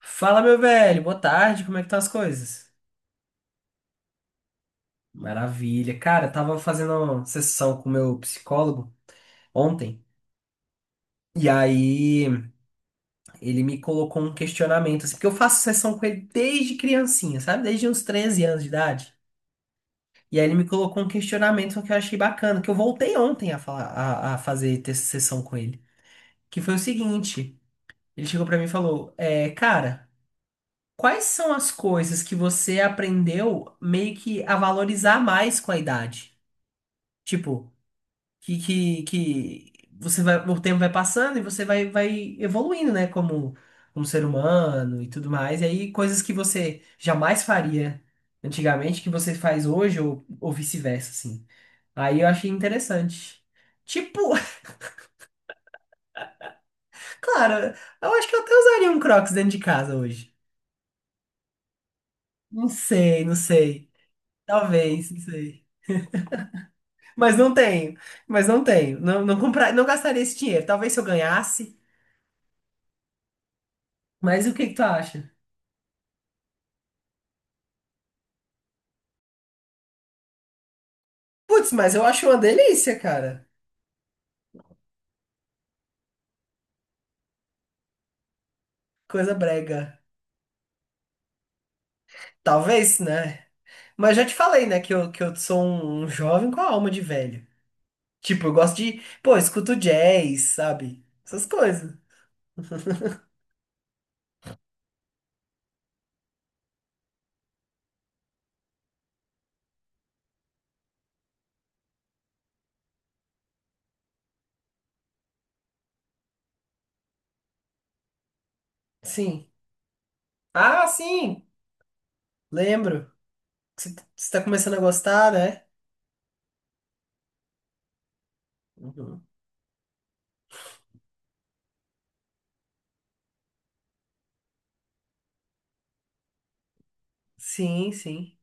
Fala, meu velho, boa tarde, como é que estão as coisas? Maravilha. Cara, eu tava fazendo uma sessão com o meu psicólogo ontem, e aí ele me colocou um questionamento, assim, porque eu faço sessão com ele desde criancinha, sabe? Desde uns 13 anos de idade. E aí ele me colocou um questionamento que eu achei bacana, que eu voltei ontem a falar, a fazer ter sessão com ele, que foi o seguinte, ele chegou pra mim e falou, cara, quais são as coisas que você aprendeu meio que a valorizar mais com a idade? Tipo, que você vai, o tempo vai passando e você vai evoluindo, né? Como ser humano e tudo mais. E aí, coisas que você jamais faria antigamente, que você faz hoje, ou vice-versa, assim. Aí eu achei interessante. Tipo, claro, eu acho que eu até usaria um Crocs dentro de casa hoje. Não sei, não sei. Talvez, não sei. Mas não tenho. Mas não tenho. Não, não comprar, não gastaria esse dinheiro. Talvez se eu ganhasse. Mas o que que tu acha? Putz, mas eu acho uma delícia, cara. Coisa brega. Talvez, né? Mas já te falei, né, que eu sou um jovem com a alma de velho. Tipo, eu gosto de. Pô, eu escuto jazz, sabe? Essas coisas. Sim. Ah, sim! Lembro. Você tá começando a gostar, né? Uhum. Sim, sim.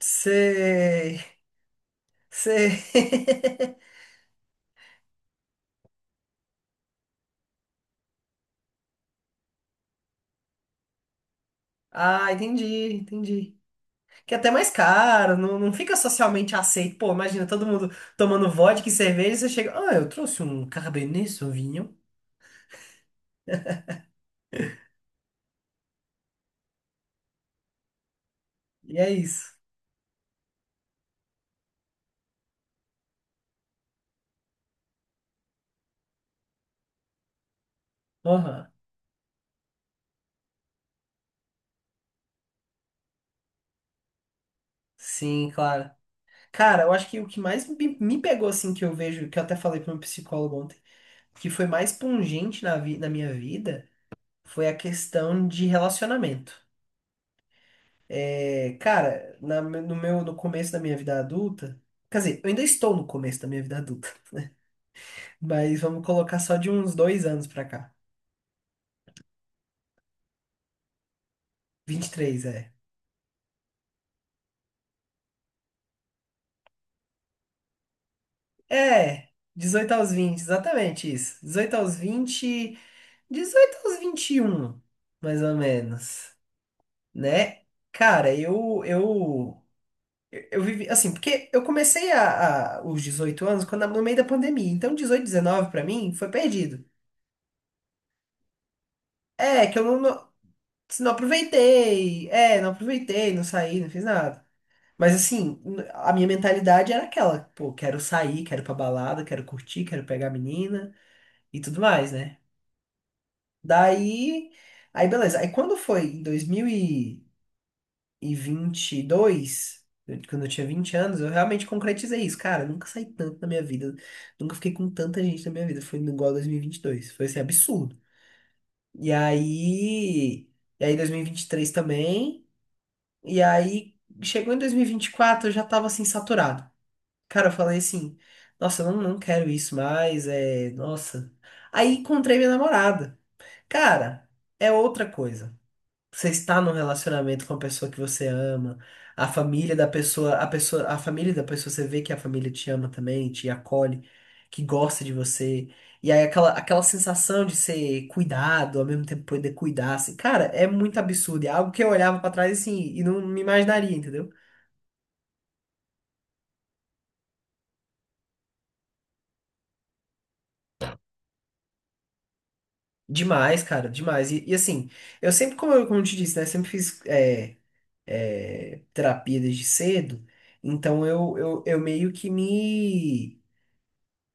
Sei. Sei. Ah, entendi, entendi. Que é até mais caro, não, não fica socialmente aceito. Pô, imagina todo mundo tomando vodka e cerveja, e você chega, ah, eu trouxe um Cabernet Sauvignon. E é isso. Aham. Sim, claro. Cara, eu acho que o que mais me pegou, assim, que eu vejo, que eu até falei para um psicólogo ontem, que foi mais pungente na minha vida, foi a questão de relacionamento. É, cara, no começo da minha vida adulta, quer dizer, eu ainda estou no começo da minha vida adulta, mas vamos colocar só de uns 2 anos pra cá. 23 é. É, 18 aos 20, exatamente isso. 18 aos 20, 18 aos 21, mais ou menos, né? Cara, eu vivi assim, porque eu comecei os 18 anos quando no meio da pandemia. Então 18 19 pra mim foi perdido. É, que eu não aproveitei. É, não aproveitei, não saí, não fiz nada. Mas assim, a minha mentalidade era aquela, pô, quero sair, quero ir pra balada, quero curtir, quero pegar a menina e tudo mais, né? Daí, aí beleza. Aí quando foi em 2022, quando eu tinha 20 anos, eu realmente concretizei isso. Cara, eu nunca saí tanto na minha vida, nunca fiquei com tanta gente na minha vida. Foi igual a 2022, foi assim, absurdo. E aí, dois mil e vinte e três também, e aí chegou em dois mil e vinte e quatro, eu já tava assim, saturado. Cara, eu falei assim, nossa, eu não quero isso mais, nossa. Aí encontrei minha namorada. Cara, é outra coisa. Você está num relacionamento com a pessoa que você ama, a família da pessoa, a pessoa, a família da pessoa, você vê que a família te ama também, te acolhe, que gosta de você. E aí aquela sensação de ser cuidado, ao mesmo tempo poder cuidar, assim, cara, é muito absurdo. É algo que eu olhava pra trás assim e não me imaginaria, entendeu? Demais, cara, demais. Assim, eu sempre, como eu te disse, né, sempre fiz terapia desde cedo, então eu meio que me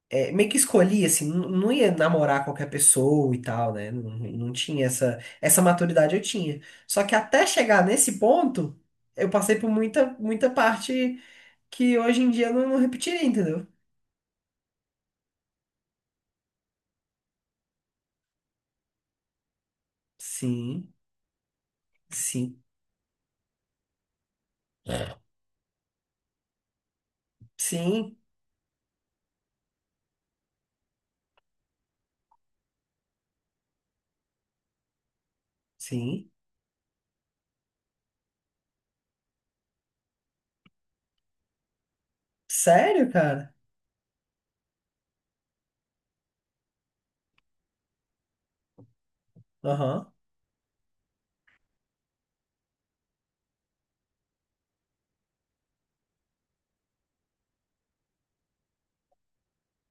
é, meio que escolhi, assim, não ia namorar qualquer pessoa e tal, né? Não, não tinha essa maturidade eu tinha. Só que até chegar nesse ponto, eu passei por muita, muita parte que hoje em dia eu não repetiria, entendeu? Sim, sim, sim, sim. Sério, cara? Aham.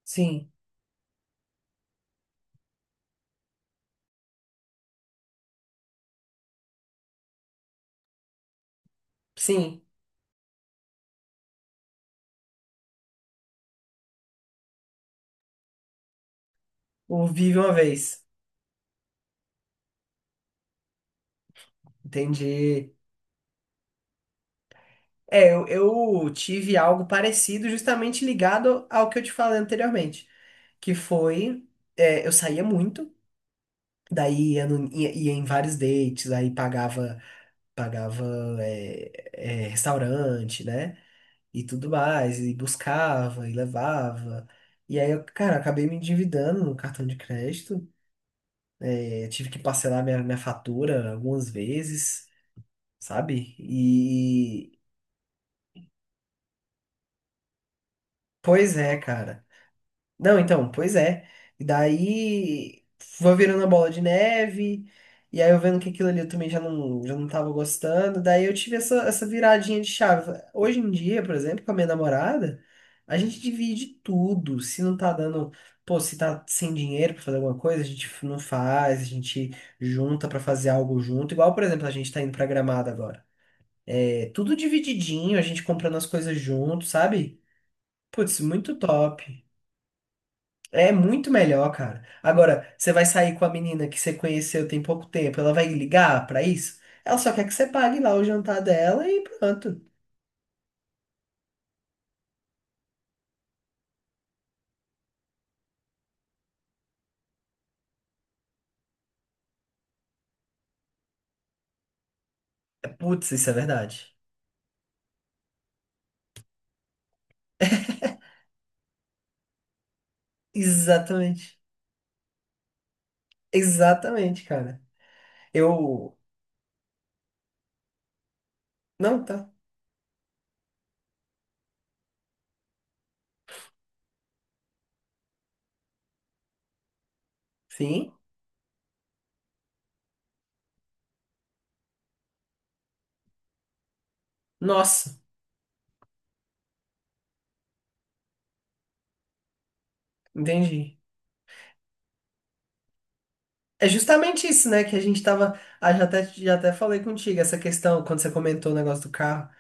Sim, sim. O Vive uma vez. Entendi. É, eu tive algo parecido justamente ligado ao que eu te falei anteriormente, que foi, eu saía muito, daí ia, no- ia- ia em vários dates, aí pagava é, restaurante, né? E tudo mais, e buscava, e levava. E aí, eu, cara, acabei me endividando no cartão de crédito. Eu tive que parcelar minha fatura algumas vezes, sabe? Pois é, cara. Não, então, pois é. E daí foi virando a bola de neve, e aí eu vendo que aquilo ali eu também já não tava gostando. Daí eu tive essa viradinha de chave. Hoje em dia, por exemplo, com a minha namorada, a gente divide tudo. Se não tá dando, pô, se tá sem dinheiro pra fazer alguma coisa, a gente não faz, a gente junta pra fazer algo junto. Igual, por exemplo, a gente tá indo pra Gramado agora. É tudo divididinho, a gente comprando as coisas junto, sabe? Putz, muito top. É muito melhor, cara. Agora, você vai sair com a menina que você conheceu tem pouco tempo, ela vai ligar pra isso? Ela só quer que você pague lá o jantar dela e pronto. Putz, isso é verdade. Exatamente. Exatamente, cara. Eu. Não, tá. Sim. Nossa, entendi. É justamente isso, né? Que a gente tava. Ah, já até falei contigo, essa questão, quando você comentou o negócio do carro.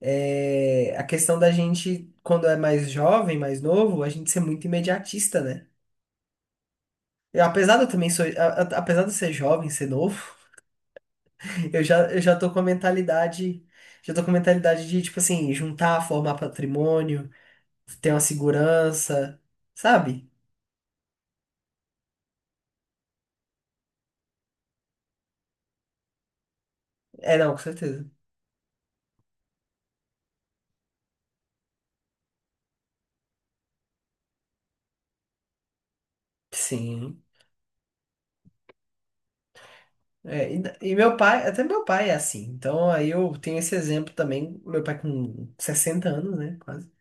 A questão da gente, quando é mais jovem, mais novo, a gente ser muito imediatista, né? Eu, apesar de eu também sou, a- apesar de eu ser jovem, ser novo, eu já tô com a mentalidade de, tipo assim, juntar, formar patrimônio, ter uma segurança, sabe? É, não, com certeza. Sim. É, e meu pai, até meu pai é assim. Então aí eu tenho esse exemplo também, meu pai com 60 anos, né, quase.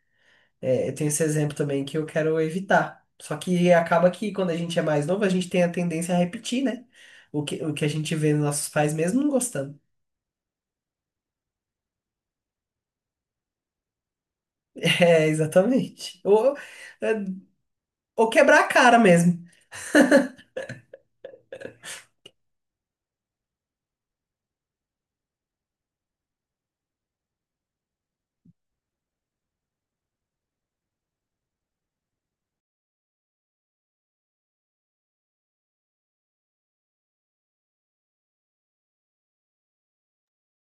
É, eu tenho esse exemplo também que eu quero evitar. Só que acaba que quando a gente é mais novo, a gente tem a tendência a repetir, né? O que a gente vê nos nossos pais mesmo não gostando. É, exatamente. É, ou quebrar a cara mesmo.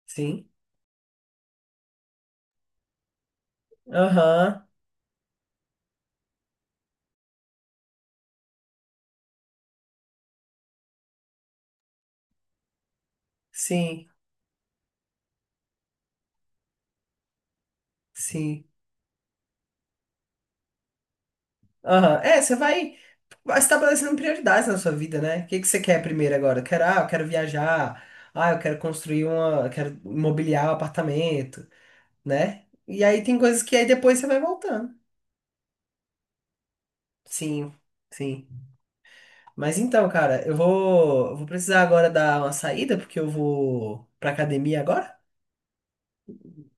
Sim. Aham. Sim. Sim. Aham. É, você vai estabelecendo prioridades na sua vida, né? O que que você quer primeiro agora? Eu quero viajar. Ah, eu quero construir uma. Eu quero mobiliar o apartamento, né? E aí tem coisas que aí depois você vai voltando. Sim. Sim. Mas então, cara, eu vou precisar agora dar uma saída, porque eu vou pra academia agora.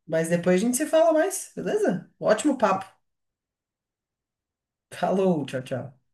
Mas depois a gente se fala mais, beleza? Ótimo papo. Falou, tchau, tchau.